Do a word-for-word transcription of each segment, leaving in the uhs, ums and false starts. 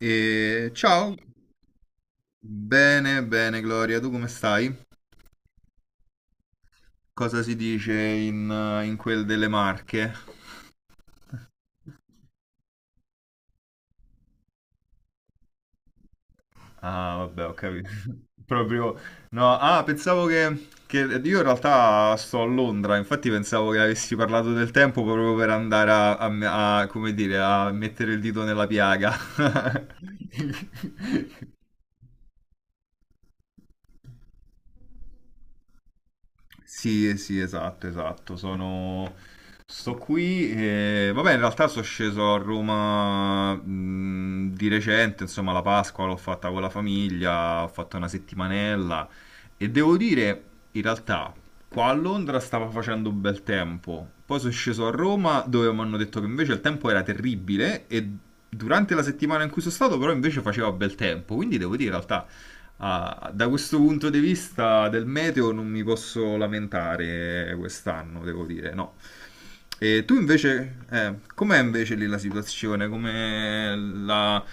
E ciao, bene, bene Gloria, tu come stai? Cosa si dice in, eh, in quel delle Marche? Ah, vabbè, ho capito. Proprio, no, ah, pensavo che, che io in realtà sto a Londra, infatti pensavo che avessi parlato del tempo proprio per andare a, a- a- come dire, a mettere il dito nella piaga. Sì, eh, sì, esatto, esatto. Sono. Sto qui e. Vabbè, in realtà sono sceso a Roma mh, di recente, insomma, la Pasqua l'ho fatta con la famiglia, ho fatto una settimanella e devo dire, in realtà, qua a Londra stava facendo un bel tempo. Poi sono sceso a Roma dove mi hanno detto che invece il tempo era terribile e durante la settimana in cui sono stato però invece faceva bel tempo. Quindi devo dire, in realtà, ah, da questo punto di vista del meteo non mi posso lamentare quest'anno, devo dire, no. E tu invece, eh, com'è invece lì la situazione? Come la.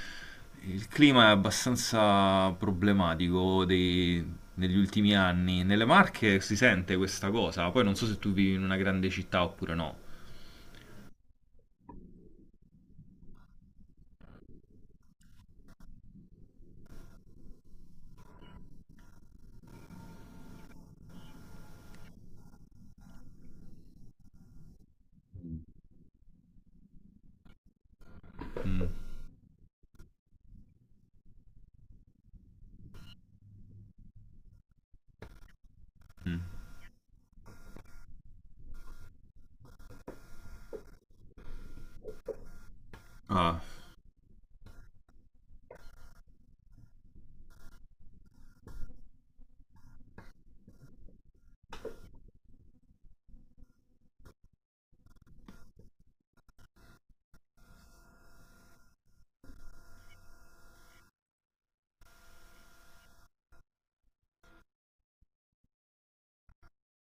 Il clima è abbastanza problematico dei, negli ultimi anni. Nelle Marche si sente questa cosa, poi non so se tu vivi in una grande città oppure no. Mm, mm. Ah,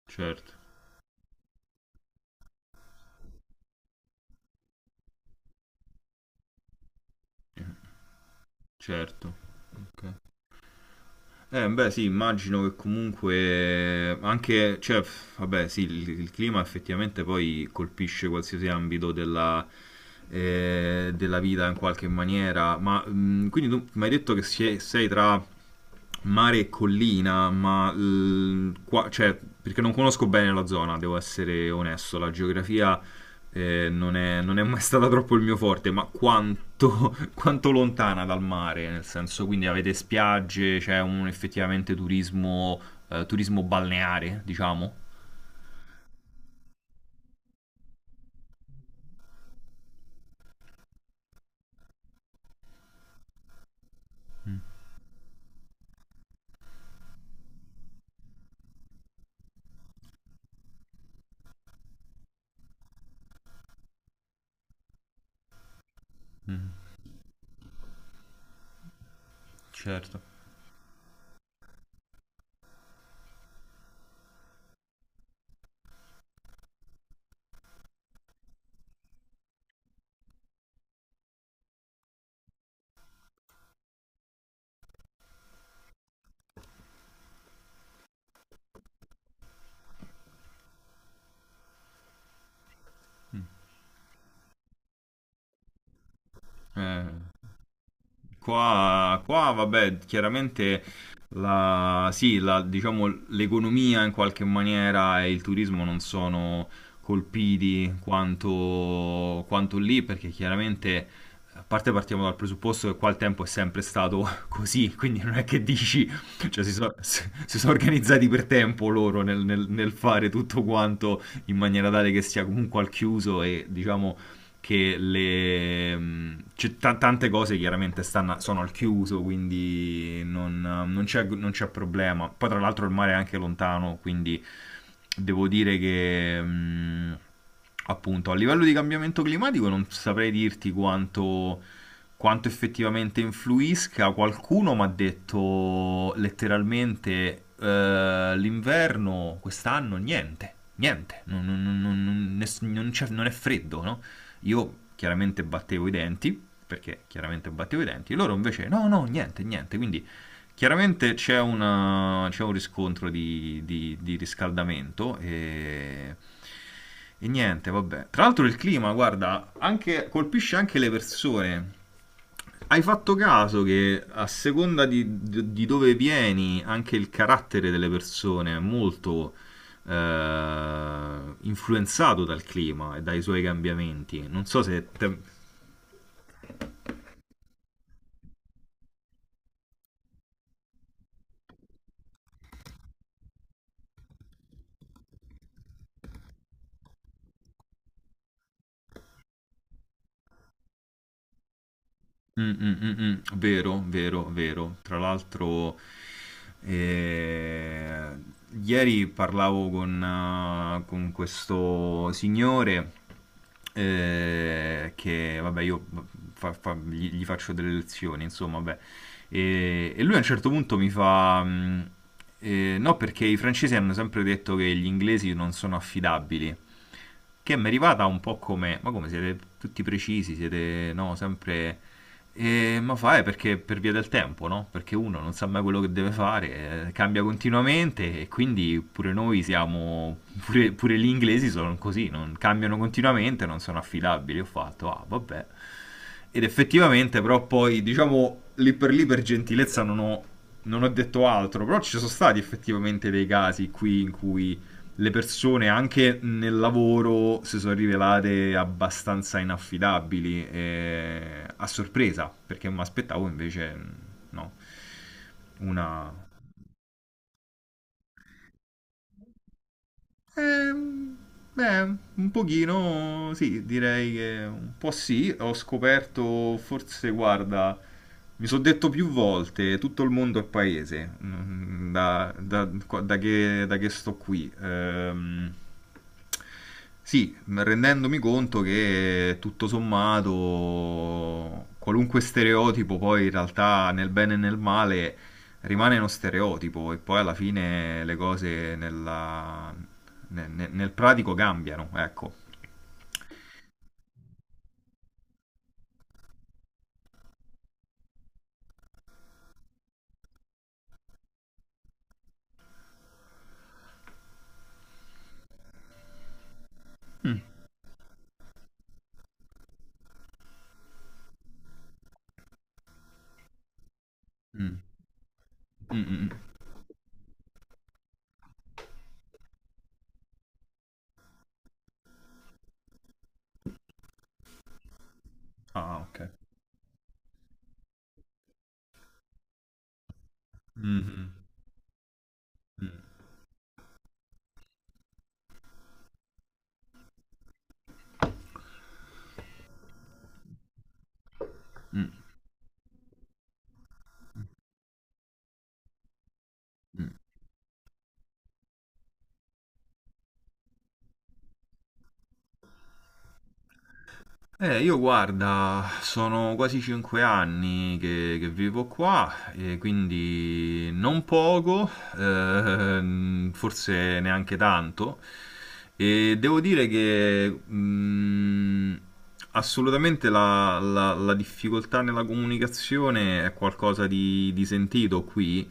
certo, certo. Ok. Eh, beh, sì, immagino che comunque anche, cioè, pff, vabbè, sì, il, il clima effettivamente poi colpisce qualsiasi ambito della, eh, della vita in qualche maniera, ma mh, quindi tu mi hai detto che sie- sei tra mare e collina, ma l- qua- cioè, perché non conosco bene la zona, devo essere onesto, la geografia eh, non, è, non è mai stata troppo il mio forte, ma quanto, quanto lontana dal mare, nel senso, quindi avete spiagge, c'è un effettivamente turismo, eh, turismo balneare, diciamo. Mm, mm, certo. Eh, Qua, qua, vabbè, chiaramente la, sì, la- diciamo, l'economia in qualche maniera e il turismo non sono colpiti quanto, quanto lì, perché chiaramente, a parte partiamo dal presupposto che qua il tempo è sempre stato così, quindi non è che dici, cioè si, so- si sono organizzati per tempo loro nel, nel nel fare tutto quanto in maniera tale che sia comunque al chiuso e diciamo che le. Mh, c'è ta- tante cose chiaramente stanno- sono al chiuso, quindi non, um, non c'è, non c'è problema. Poi tra l'altro il mare è anche lontano, quindi devo dire che. mh, Appunto, a livello di cambiamento climatico non saprei dirti quanto, quanto effettivamente influisca. Qualcuno mi ha detto letteralmente eh, l'inverno quest'anno niente, niente, non, non- non- non- ness- non c'è- non è freddo, no? Io chiaramente battevo i denti, perché chiaramente battevo i denti, loro invece no, no, niente, niente. Quindi chiaramente c'è, una- c'è un riscontro di, di- di riscaldamento e, e niente, vabbè. Tra l'altro il clima, guarda, anche- colpisce anche le persone. Hai fatto caso che a seconda di, di- di dove vieni, anche il carattere delle persone è molto eh, influenzato dal clima e dai suoi cambiamenti. Non so se te- Mm, mm, mm, mm. Vero, vero, vero. Tra l'altro, eh, ieri parlavo con, eh, con questo signore eh, che, vabbè, io fa- fa- gli, gli faccio delle lezioni, insomma, vabbè. E, e lui a un certo punto mi fa: mm, eh, no, perché i francesi hanno sempre detto che gli inglesi non sono affidabili che mi è arrivata un po' come, ma come siete tutti precisi, siete no, sempre. Eh, ma fa è perché per via del tempo, no? Perché uno non sa mai quello che deve fare, eh, cambia continuamente e quindi pure noi siamo, pure, pure gli inglesi sono così, non cambiano continuamente, non sono affidabili. Ho fatto, ah, vabbè. Ed effettivamente, però poi, diciamo, lì per lì per gentilezza non ho, non ho detto altro, però ci sono stati effettivamente dei casi qui in cui le persone anche nel lavoro si sono rivelate abbastanza inaffidabili eh, a sorpresa, perché mi aspettavo invece mh, no, una. Ehm, Beh, un pochino sì, direi che un po' sì. Ho scoperto, forse, guarda, mi sono detto più volte, tutto il mondo è paese, mm, da, da- qua- da che, da che sto qui. Ehm, sì, rendendomi conto che tutto sommato, qualunque stereotipo poi in realtà nel bene e nel male rimane uno stereotipo e poi alla fine le cose nella- ne- ne- nel, pratico cambiano, ecco. Mm. Mm. Mm, mm, mm. Ah, ok. Mm, mm, mm, mm, mm. Eh, io guarda, sono quasi cinque anni che, che vivo qua e quindi non poco, ehm, forse neanche tanto. E devo dire che mm, assolutamente la, la- la difficoltà nella comunicazione è qualcosa di di sentito qui.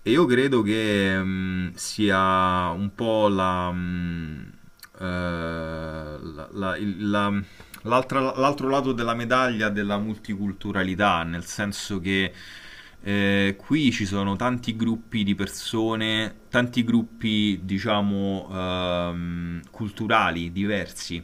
E io credo che mh, sia un po' la, mh, eh, la- la- il- la- l'altra- l'altro lato della medaglia della multiculturalità, nel senso che eh, qui ci sono tanti gruppi di persone, tanti gruppi, diciamo, ehm, culturali diversi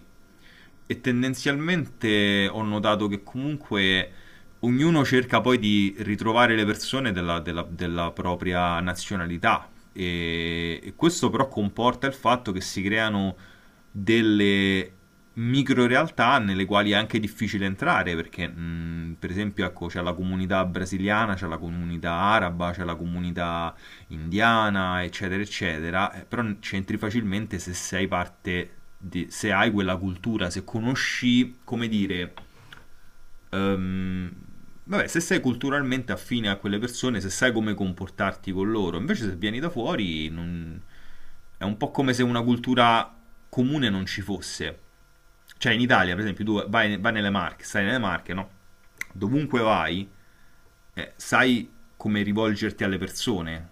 e tendenzialmente ho notato che comunque ognuno cerca poi di ritrovare le persone della, della- della propria nazionalità e, e questo però comporta il fatto che si creano delle micro realtà nelle quali è anche difficile entrare perché mh, per esempio ecco, c'è la comunità brasiliana, c'è la comunità araba, c'è la comunità indiana, eccetera, eccetera, eh, però c'entri facilmente se sei parte, di, se hai quella cultura, se conosci, come dire, ehm, vabbè, se sei culturalmente affine a quelle persone, se sai come comportarti con loro, invece se vieni da fuori non- è un po' come se una cultura comune non ci fosse. Cioè in Italia, per esempio, tu vai, vai nelle Marche, stai nelle Marche, no? Dovunque vai, eh, sai come rivolgerti alle persone,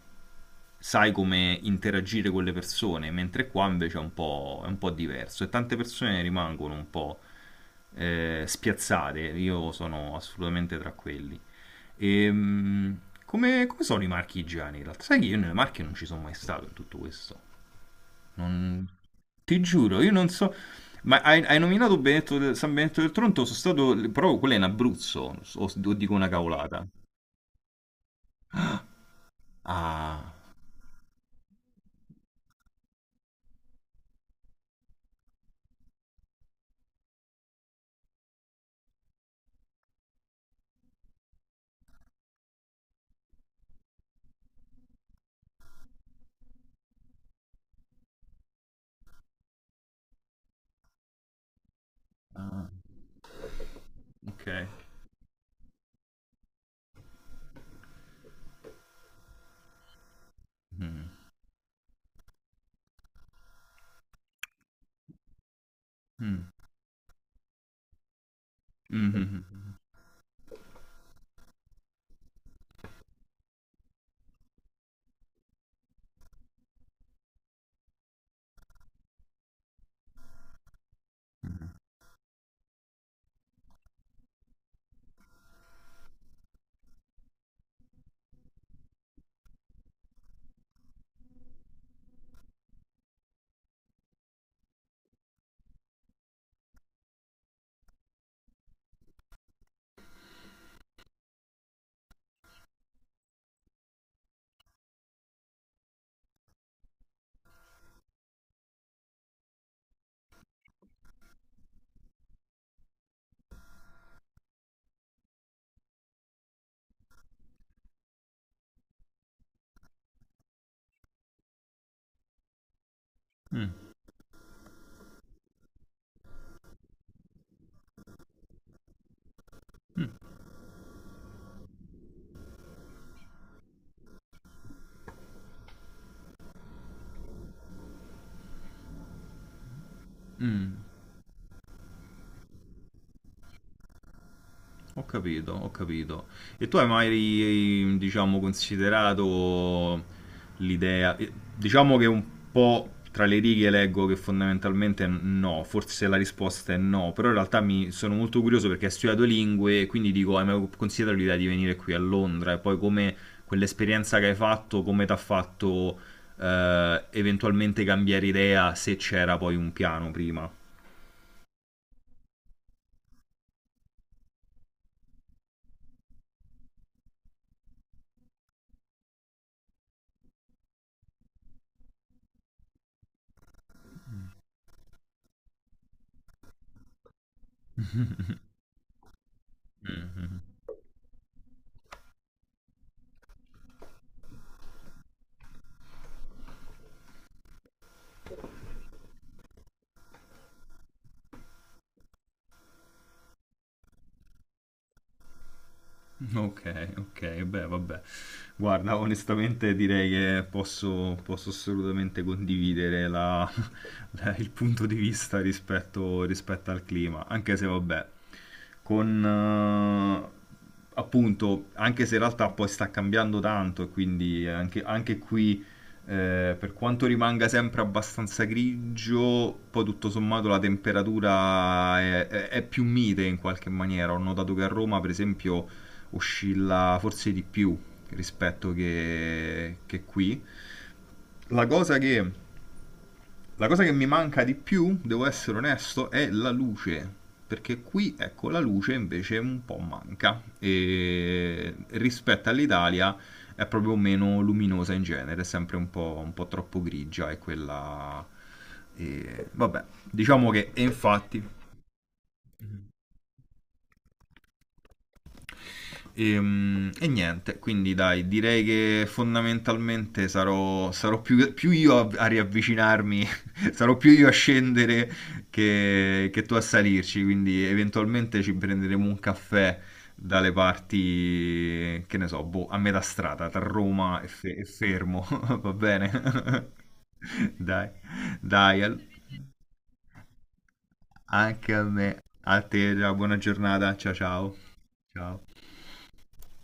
sai come interagire con le persone, mentre qua invece è un po', è un po' diverso e tante persone rimangono un po' eh, spiazzate, io sono assolutamente tra quelli. E, mh, come, come sono i marchi igiani in realtà? Sai che io nelle Marche non ci sono mai stato in tutto questo. Non- Ti giuro, io non so. Ma hai, hai nominato Benetto del- San Benedetto del Tronto? Sono stato. Però quello è in Abruzzo, o, o dico una cavolata. Ah, ah, ok. Mm, mm, mm, mm, mm. Mm. Mm, mm, ho capito, ho capito. E tu hai mai, diciamo, considerato l'idea, eh, diciamo che un po' tra le righe leggo che fondamentalmente no, forse la risposta è no, però in realtà mi sono molto curioso perché hai studiato lingue e quindi dico, hai mai considerato l'idea di venire qui a Londra e poi come quell'esperienza che hai fatto, come ti ha fatto eh, eventualmente cambiare idea se c'era poi un piano prima? Ok, ok, beh, vabbè. Guarda, onestamente direi che posso, posso assolutamente condividere la- la- il punto di vista rispetto, rispetto al clima, anche se vabbè, con eh, appunto, anche se in realtà poi sta cambiando tanto e quindi anche, anche qui, eh, per quanto rimanga sempre abbastanza grigio, poi tutto sommato la temperatura è, è- è più mite in qualche maniera. Ho notato che a Roma, per esempio, oscilla forse di più rispetto che, che qui. La cosa che, la cosa che mi manca di più, devo essere onesto, è la luce. Perché qui, ecco, la luce invece un po' manca. E rispetto all'Italia è proprio meno luminosa in genere, è sempre un po', un po' troppo grigia e quella. E vabbè, diciamo che e infatti. E, mm, e niente, quindi dai, direi che fondamentalmente sarò, sarò più, più io a, a riavvicinarmi, sarò più io a scendere che, che tu a salirci, quindi eventualmente ci prenderemo un caffè dalle parti, che ne so, boh, a metà strada, tra Roma e, Fe- e Fermo, va bene? Dai, dai, al- anche a me, a te, buona giornata, ciao ciao, ciao.